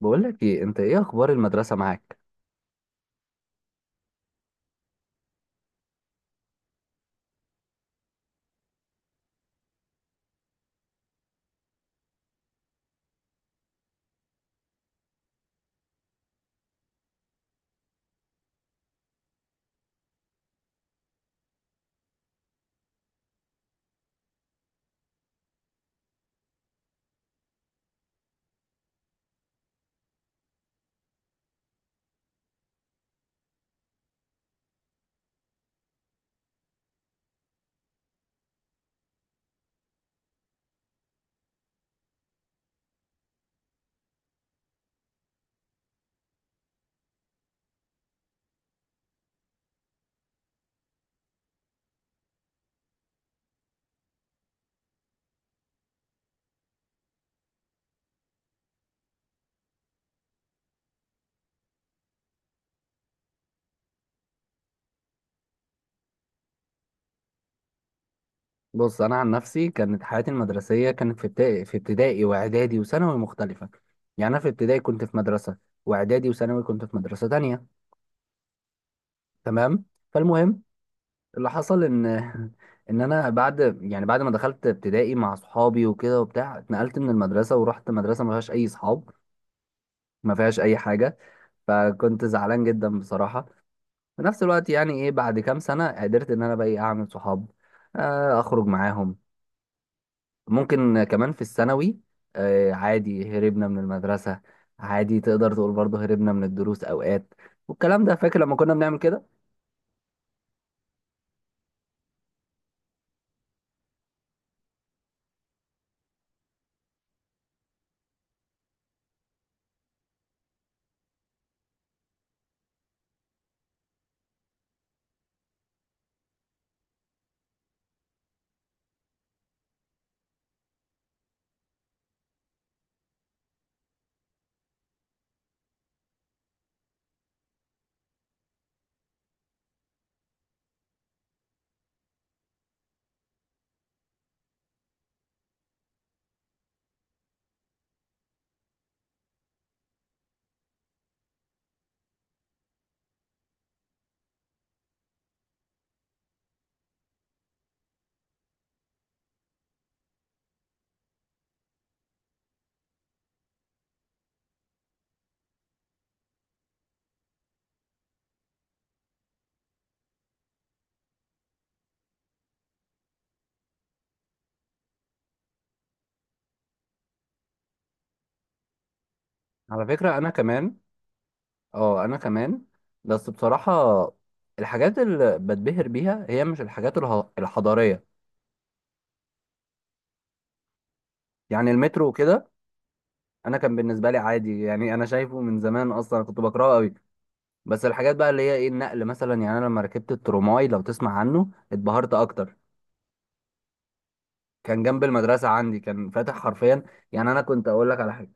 بقول لك ايه؟ انت ايه اخبار المدرسه معاك؟ بص، انا عن نفسي كانت حياتي المدرسيه، كانت في ابتدائي، في ابتدائي واعدادي وثانوي مختلفه. يعني انا في ابتدائي كنت في مدرسه، واعدادي وثانوي كنت في مدرسه تانية، تمام. فالمهم اللي حصل ان ان انا بعد، يعني بعد ما دخلت ابتدائي مع صحابي وكده وبتاع، اتنقلت من المدرسه ورحت مدرسه ما فيهاش اي صحاب، ما فيهاش اي حاجه. فكنت زعلان جدا بصراحه. في نفس الوقت يعني ايه، بعد كام سنه قدرت ان انا بقى إيه، اعمل صحاب، اخرج معاهم. ممكن كمان في الثانوي، عادي هربنا من المدرسة، عادي تقدر تقول برضه هربنا من الدروس أوقات والكلام ده، فاكر لما كنا بنعمل كده؟ على فكرة أنا كمان. أه، أنا كمان. بس بصراحة الحاجات اللي بتبهر بيها هي مش الحاجات الحضارية، يعني المترو وكده. أنا كان بالنسبة لي عادي، يعني أنا شايفه من زمان، أصلا كنت بكرهه قوي. بس الحاجات بقى اللي هي إيه، النقل مثلا، يعني أنا لما ركبت التروماي، لو تسمع عنه، اتبهرت أكتر. كان جنب المدرسة عندي، كان فاتح حرفيا. يعني أنا كنت أقول لك على حاجة،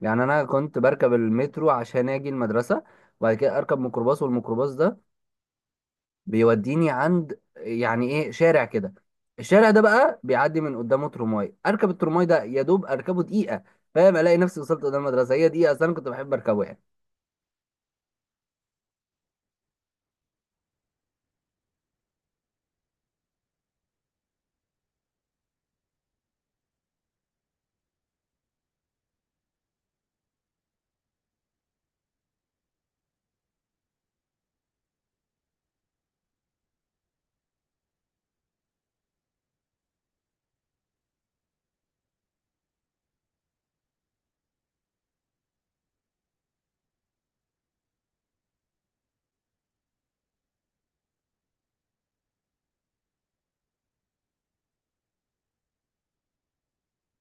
يعني أنا كنت بركب المترو عشان أجي المدرسة، وبعد كده أركب ميكروباص، والميكروباص ده بيوديني عند يعني إيه، شارع كده. الشارع ده بقى بيعدي من قدامه ترماي، أركب الترماي ده يا دوب أركبه دقيقة، فاهم؟ ألاقي نفسي وصلت قدام المدرسة، هي دقيقة، أصل أنا كنت بحب أركبه يعني.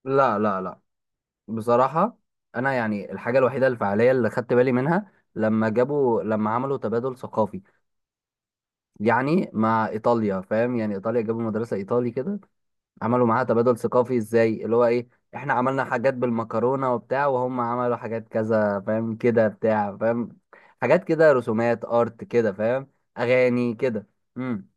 لا لا لا. بصراحة أنا، يعني الحاجة الوحيدة الفعالية اللي خدت بالي منها لما جابوا، لما عملوا تبادل ثقافي يعني مع ايطاليا، فاهم؟ يعني ايطاليا جابوا مدرسه ايطالي كده، عملوا معاها تبادل ثقافي، ازاي؟ اللي هو ايه، احنا عملنا حاجات بالمكرونه وبتاع، وهم عملوا حاجات كذا، فاهم كده بتاع؟ فاهم، حاجات كده، رسومات ارت كده فاهم، اغاني كده. امم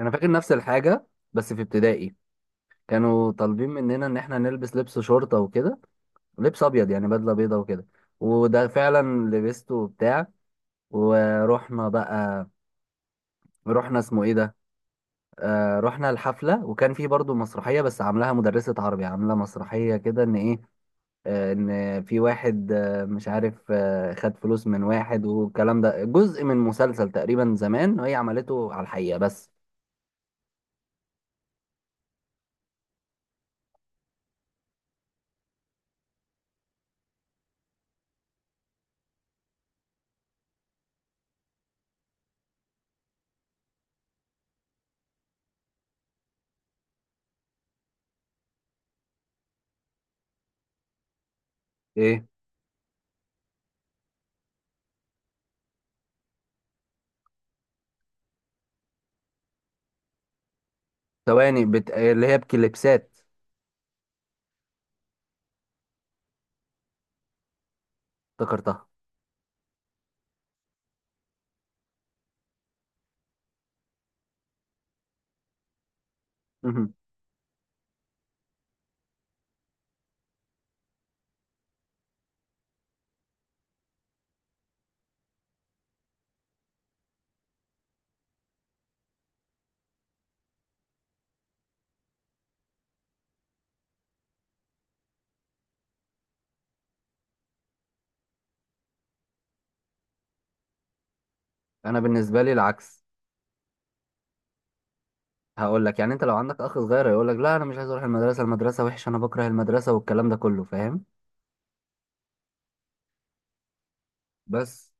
انا فاكر نفس الحاجه، بس في ابتدائي كانوا طالبين مننا ان احنا نلبس لبس شرطه وكده، لبس ابيض يعني، بدله بيضه وكده. وده فعلا لبسته وبتاع ورحنا بقى، رحنا اسمه ايه ده، آه رحنا الحفلة، وكان في برضو مسرحية بس عاملاها مدرسة عربي، عاملة مسرحية كده ان ايه، آه، ان في واحد آه مش عارف آه، خد فلوس من واحد والكلام ده، جزء من مسلسل تقريبا زمان وهي عملته على الحقيقة. بس ايه، ثواني آه، اللي هي بكليبسات؟ افتكرتها. مهم. انا بالنسبة لي العكس. هقول لك، يعني انت لو عندك اخ صغير هيقول لك لا انا مش عايز اروح المدرسة، المدرسة وحشة، انا بكره المدرسة والكلام ده كله، فاهم؟ بس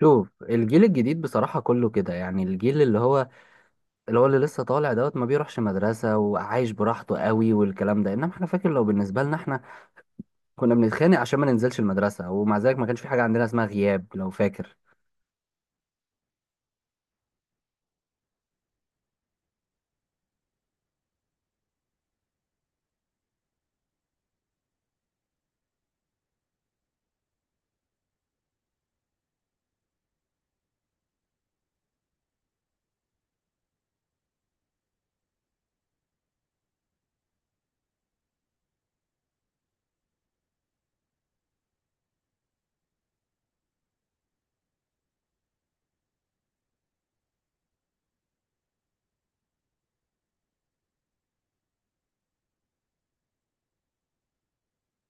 شوف، الجيل الجديد بصراحة كله كده، يعني الجيل اللي هو، اللي لسه طالع دوت، ما بيروحش مدرسة وعايش براحته قوي والكلام ده. انما احنا، فاكر؟ لو بالنسبة لنا احنا كنا بنتخانق عشان ما ننزلش المدرسة، ومع ذلك ما كانش في حاجة عندنا اسمها غياب، لو فاكر.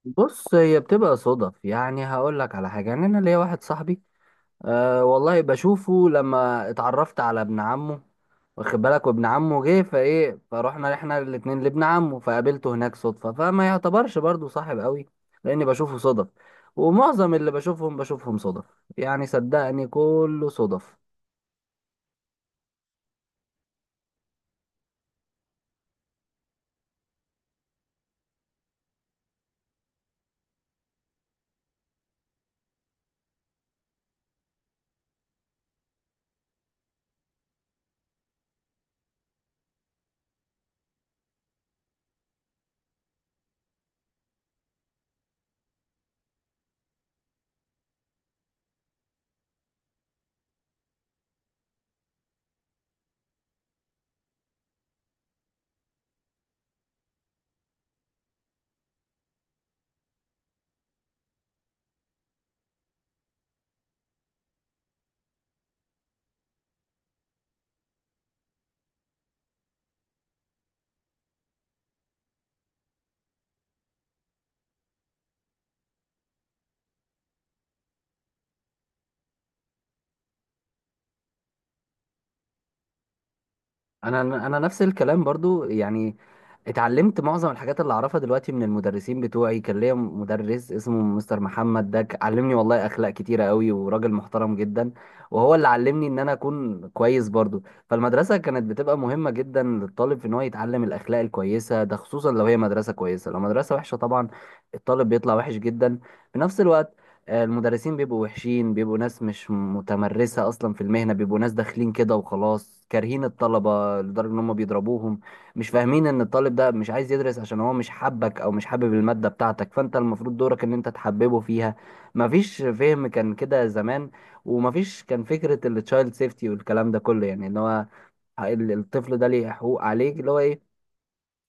بص، هي بتبقى صدف، يعني هقول لك على حاجة، يعني انا ليا واحد صاحبي، أه والله بشوفه لما اتعرفت على ابن عمه، واخد بالك؟ وابن عمه جه، فايه، فروحنا احنا الاتنين لابن عمه فقابلته هناك صدفة، فما يعتبرش برضو صاحب قوي لاني بشوفه صدف. ومعظم اللي بشوفهم بشوفهم صدف، يعني صدقني كله صدف. انا انا نفس الكلام برضو يعني، اتعلمت معظم الحاجات اللي اعرفها دلوقتي من المدرسين بتوعي. كان ليا مدرس اسمه مستر محمد، ده علمني والله اخلاق كتيره قوي، وراجل محترم جدا، وهو اللي علمني ان انا اكون كويس برضو. فالمدرسه كانت بتبقى مهمه جدا للطالب في ان هو يتعلم الاخلاق الكويسه، ده خصوصا لو هي مدرسه كويسه. لو مدرسه وحشه طبعا الطالب بيطلع وحش جدا. في نفس الوقت، المدرسين بيبقوا وحشين، بيبقوا ناس مش متمرسة أصلا في المهنة، بيبقوا ناس داخلين كده وخلاص كارهين الطلبة لدرجة إن هم بيضربوهم. مش فاهمين إن الطالب ده مش عايز يدرس عشان هو مش حبك، أو مش حابب المادة بتاعتك، فأنت المفروض دورك إن أنت تحببه فيها. مفيش فهم كان كده زمان، ومفيش كان فكرة التشايلد سيفتي والكلام ده كله، يعني إن هو الطفل ده ليه حقوق عليك، اللي هو إيه،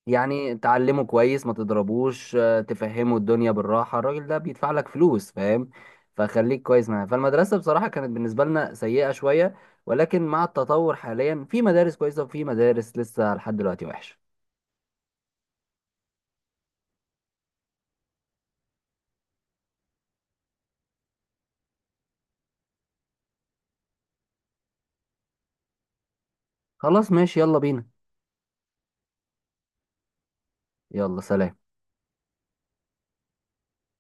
يعني تعلمه كويس، ما تضربوش، تفهمه الدنيا بالراحة، الراجل ده بيدفع لك فلوس، فاهم؟ فخليك كويس معاه. فالمدرسة بصراحة كانت بالنسبة لنا سيئة شوية، ولكن مع التطور حاليا في مدارس كويسة، وفي مدارس لسه لحد دلوقتي وحشة. خلاص ماشي، يلا بينا. يلا، سلام.